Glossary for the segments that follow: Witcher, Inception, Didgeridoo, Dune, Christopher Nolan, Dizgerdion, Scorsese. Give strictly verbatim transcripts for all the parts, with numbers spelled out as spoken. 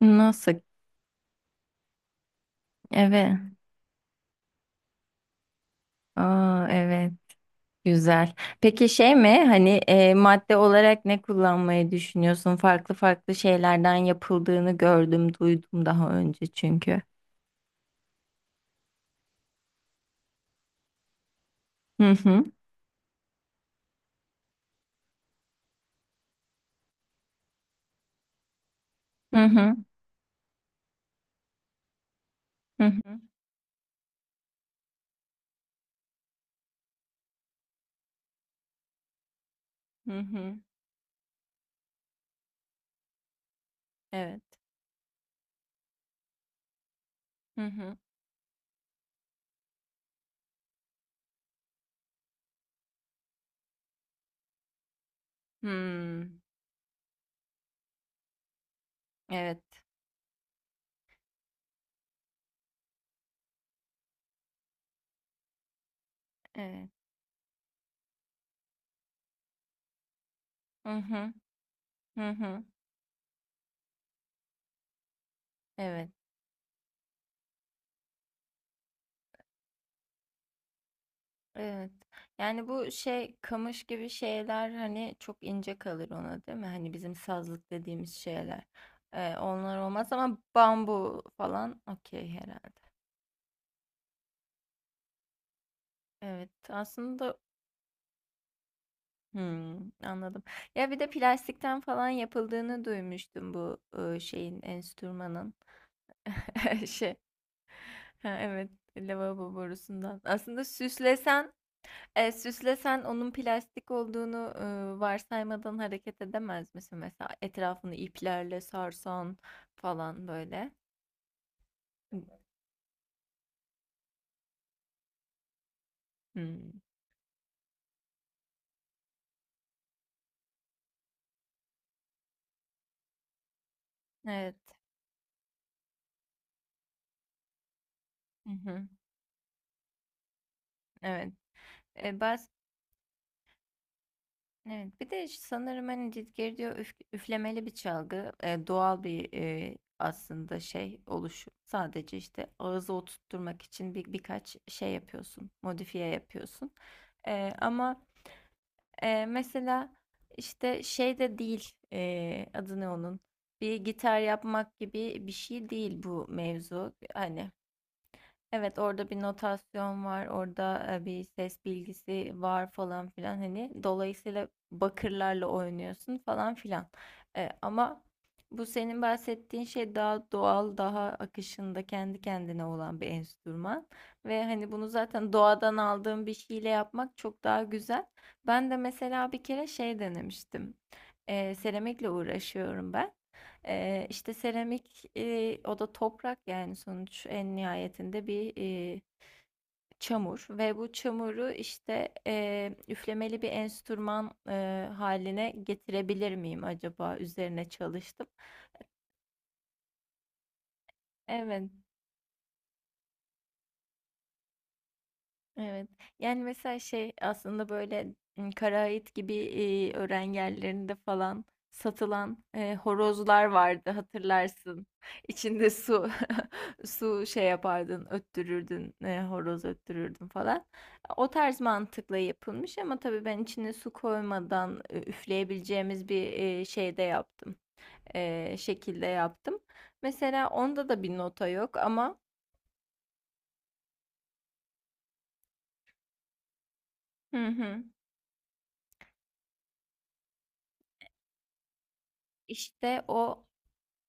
Nasıl? Evet. Aa, evet. Güzel. Peki şey mi? Hani e, madde olarak ne kullanmayı düşünüyorsun? Farklı farklı şeylerden yapıldığını gördüm, duydum daha önce çünkü. Hı hı. Hı hı. Hı hı. Hı hı. Evet. Hı hı. Hmm. Evet. Evet. Hı hı. Hı hı. Evet. Evet. Yani bu şey, kamış gibi şeyler hani, çok ince kalır ona, değil mi? Hani bizim sazlık dediğimiz şeyler. Ee, onlar olmaz ama bambu falan okey herhalde. Evet, aslında. Hmm, anladım. Ya bir de plastikten falan yapıldığını duymuştum bu e, şeyin, enstrümanın. Şey. Ha, evet, lavabo borusundan. Aslında süslesen, Eee, süslesen onun plastik olduğunu, ııı, varsaymadan hareket edemez misin? Mesela etrafını iplerle sarsan falan böyle. Hımm. Evet. Hı hı. Evet. Eee, baz Evet. Bir de sanırım, hani, cid geri diyor, üf üflemeli bir çalgı. Eee, doğal bir, eee, aslında şey, oluşu. Sadece, işte, ağızı oturtturmak için bir birkaç şey yapıyorsun, modifiye yapıyorsun. Eee, ama Eee, mesela, işte, şey de değil, eee, adı ne onun? Bir gitar yapmak gibi bir şey değil bu mevzu. Hani, evet, orada bir notasyon var, orada e, bir ses bilgisi var falan filan, hani dolayısıyla bakırlarla oynuyorsun falan filan. E, ama bu senin bahsettiğin şey daha doğal, daha akışında kendi kendine olan bir enstrüman ve hani bunu zaten doğadan aldığın bir şeyle yapmak çok daha güzel. Ben de mesela bir kere şey denemiştim. E, seramikle uğraşıyorum ben. Eee, işte seramik, eee, o da toprak, yani sonuç en nihayetinde bir, eee, çamur ve bu çamuru işte, eee, üflemeli bir enstrüman, eee, hâline getirebilir miyim acaba, üzerine çalıştım. Evet. Evet. Yani mesela şey, aslında böyle m, Karaait gibi e, öğren yerlerinde falan satılan e, horozlar vardı, hatırlarsın. İçinde su su şey yapardın, öttürürdün, e, horoz öttürürdün falan. O tarz mantıkla yapılmış ama tabii ben içine su koymadan e, üfleyebileceğimiz bir e, şeyde yaptım. E, şekilde yaptım. Mesela onda da bir nota yok ama. Hı hı. İşte o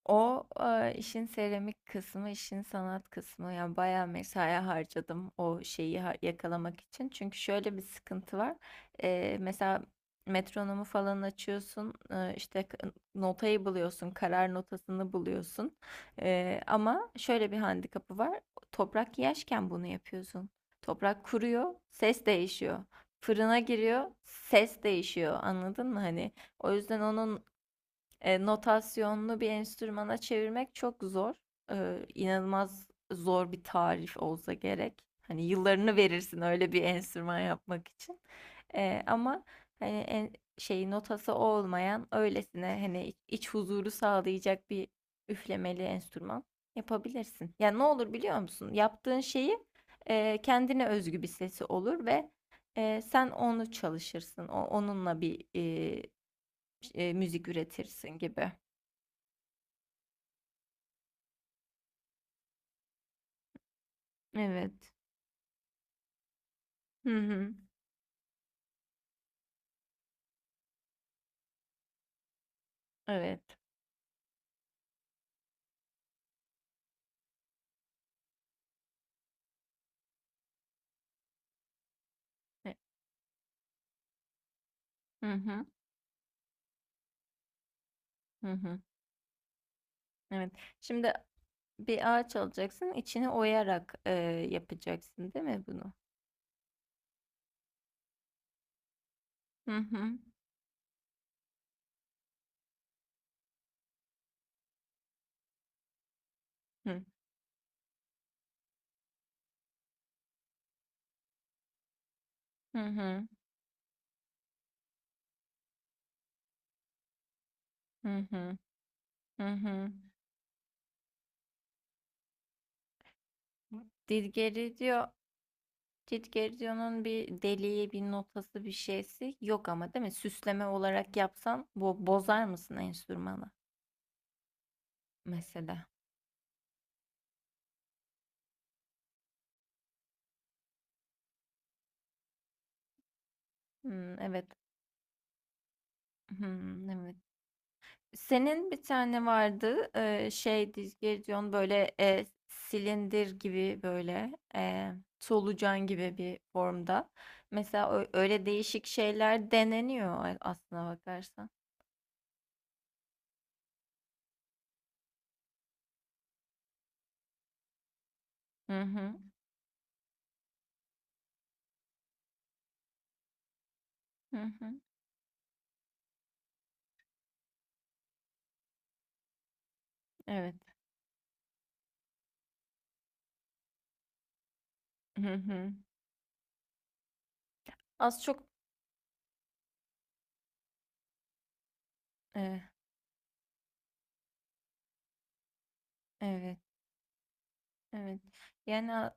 O e, işin seramik kısmı, işin sanat kısmı. Yani bayağı mesai harcadım o şeyi ha- yakalamak için. Çünkü şöyle bir sıkıntı var. E, mesela metronomu falan açıyorsun, e, işte k- notayı buluyorsun, karar notasını buluyorsun. E, ama şöyle bir handikapı var. Toprak yaşken bunu yapıyorsun. Toprak kuruyor, ses değişiyor. Fırına giriyor, ses değişiyor. Anladın mı? Hani o yüzden onun e, notasyonlu bir enstrümana çevirmek çok zor. Ee, inanılmaz zor bir tarif olsa gerek. Hani yıllarını verirsin öyle bir enstrüman yapmak için. Ee, ama hani en, şey, notası olmayan öylesine hani iç, iç huzuru sağlayacak bir üflemeli enstrüman yapabilirsin. Yani ne olur biliyor musun? Yaptığın şeyi e, kendine özgü bir sesi olur ve e, sen onu çalışırsın. O, onunla bir e, e, müzik üretirsin gibi. Evet. Hı hı. Evet. E- Hı hı. Hı hı. Evet. Şimdi bir ağaç alacaksın, içini oyarak e, yapacaksın, değil mi bunu? Hı hı. Hı hı. Hı hı. Hı hı. Didgeridoo, Didgeridoo'nun bir deliği, bir notası, bir şeysi yok ama, değil mi? Süsleme olarak yapsan bo bozar mısın enstrümanı mesela? Hmm, evet. Hmm, evet. Senin bir tane vardı, eee, şey, Dizgerdion, böyle eee, silindir gibi, böyle eee, solucan gibi bir formda. Mesela ö- öyle değişik şeyler deneniyor a- aslına bakarsan. Hı hı, hı hı, evet. Hı hı. Az çok eh, evet, evet. Yani,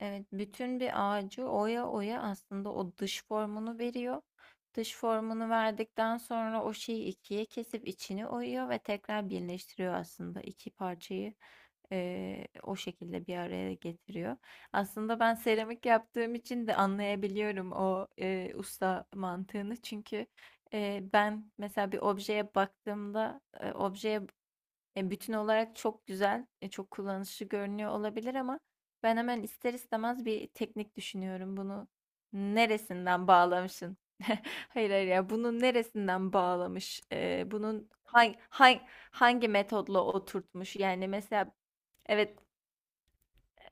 evet, bütün bir ağacı oya oya aslında o dış formunu veriyor. Dış formunu verdikten sonra o şeyi ikiye kesip içini oyuyor ve tekrar birleştiriyor aslında, iki parçayı eee, o şekilde bir araya getiriyor. Aslında ben seramik yaptığım için de anlayabiliyorum o eee, usta mantığını, çünkü eee, ben mesela bir objeye baktığımda, e, objeye e, bütün olarak çok güzel, e, çok kullanışlı görünüyor olabilir ama ben hemen ister istemez bir teknik düşünüyorum. Bunu neresinden bağlamışsın? Hayır hayır ya, bunun neresinden bağlamış? E, bunun hangi, hangi, hangi metodla oturtmuş? Yani mesela evet.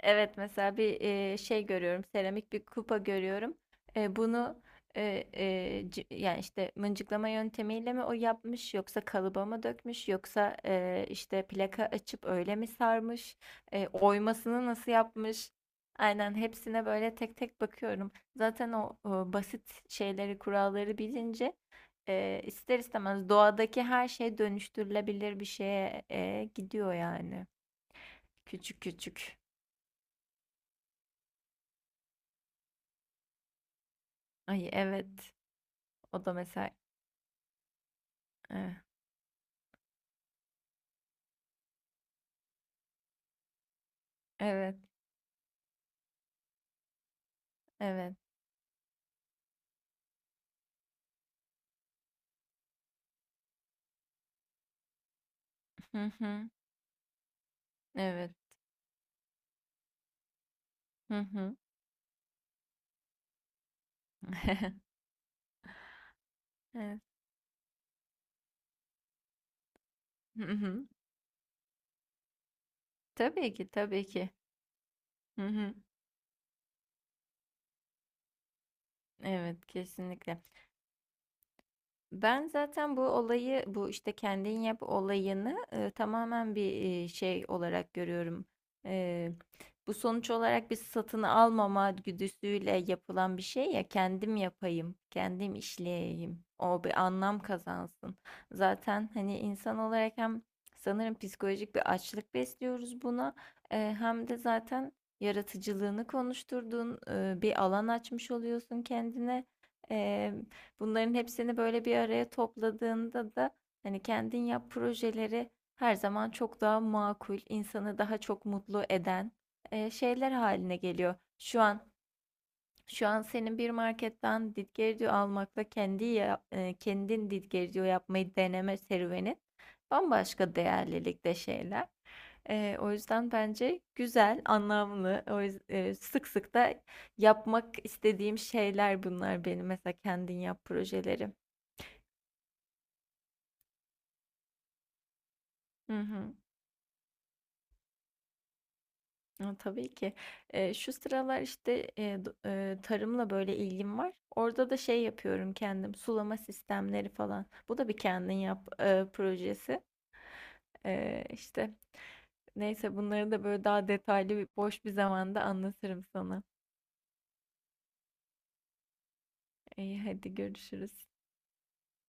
Evet, mesela bir e, şey görüyorum, seramik bir kupa görüyorum. E, bunu e, e, c- yani işte mıncıklama yöntemiyle mi o yapmış, yoksa kalıba mı dökmüş, yoksa e, işte plaka açıp öyle mi sarmış, E, oymasını nasıl yapmış? Aynen, hepsine böyle tek tek bakıyorum. Zaten o, o basit şeyleri, kuralları bilince e, ister istemez doğadaki her şey dönüştürülebilir bir şeye e, gidiyor yani, küçük küçük. Ay evet. O da mesela eh, evet, evet. Hı hı. Evet. Hı hı. Evet. Hı hı. Tabii ki, tabii ki. Hı hı. Evet, kesinlikle. Ben zaten bu olayı, bu işte kendin yap olayını e, tamamen bir e, şey olarak görüyorum. E, Bu sonuç olarak bir satın almama güdüsüyle yapılan bir şey: ya kendim yapayım, kendim işleyeyim, o bir anlam kazansın. Zaten hani insan olarak hem, sanırım, psikolojik bir açlık besliyoruz buna, e, hem de zaten yaratıcılığını konuşturduğun e, bir alan açmış oluyorsun kendine. Bunların hepsini böyle bir araya topladığında da hani kendin yap projeleri her zaman çok daha makul, insanı daha çok mutlu eden e, şeyler haline geliyor. Şu an şu an senin bir marketten didgeridoo almakla kendi ya- e, kendin didgeridoo yapmayı deneme serüvenin bambaşka değerlilikte şeyler. E, o yüzden bence güzel, anlamlı. O yüz- e, sık sık da yapmak istediğim şeyler bunlar benim, mesela, kendin yap projeleri. Hı hı. A, tabii ki. Eee, şu sıralar, işte, eee, do eee, tarımla, böyle, ilgim var. Orada da şey yapıyorum kendim, sulama sistemleri falan. Bu da bir kendin yap, eee, projesi. Eee, işte, neyse, bunları da, böyle, daha detaylı, bir boş bir zamanda anlatırım sana. İyi, hadi görüşürüz.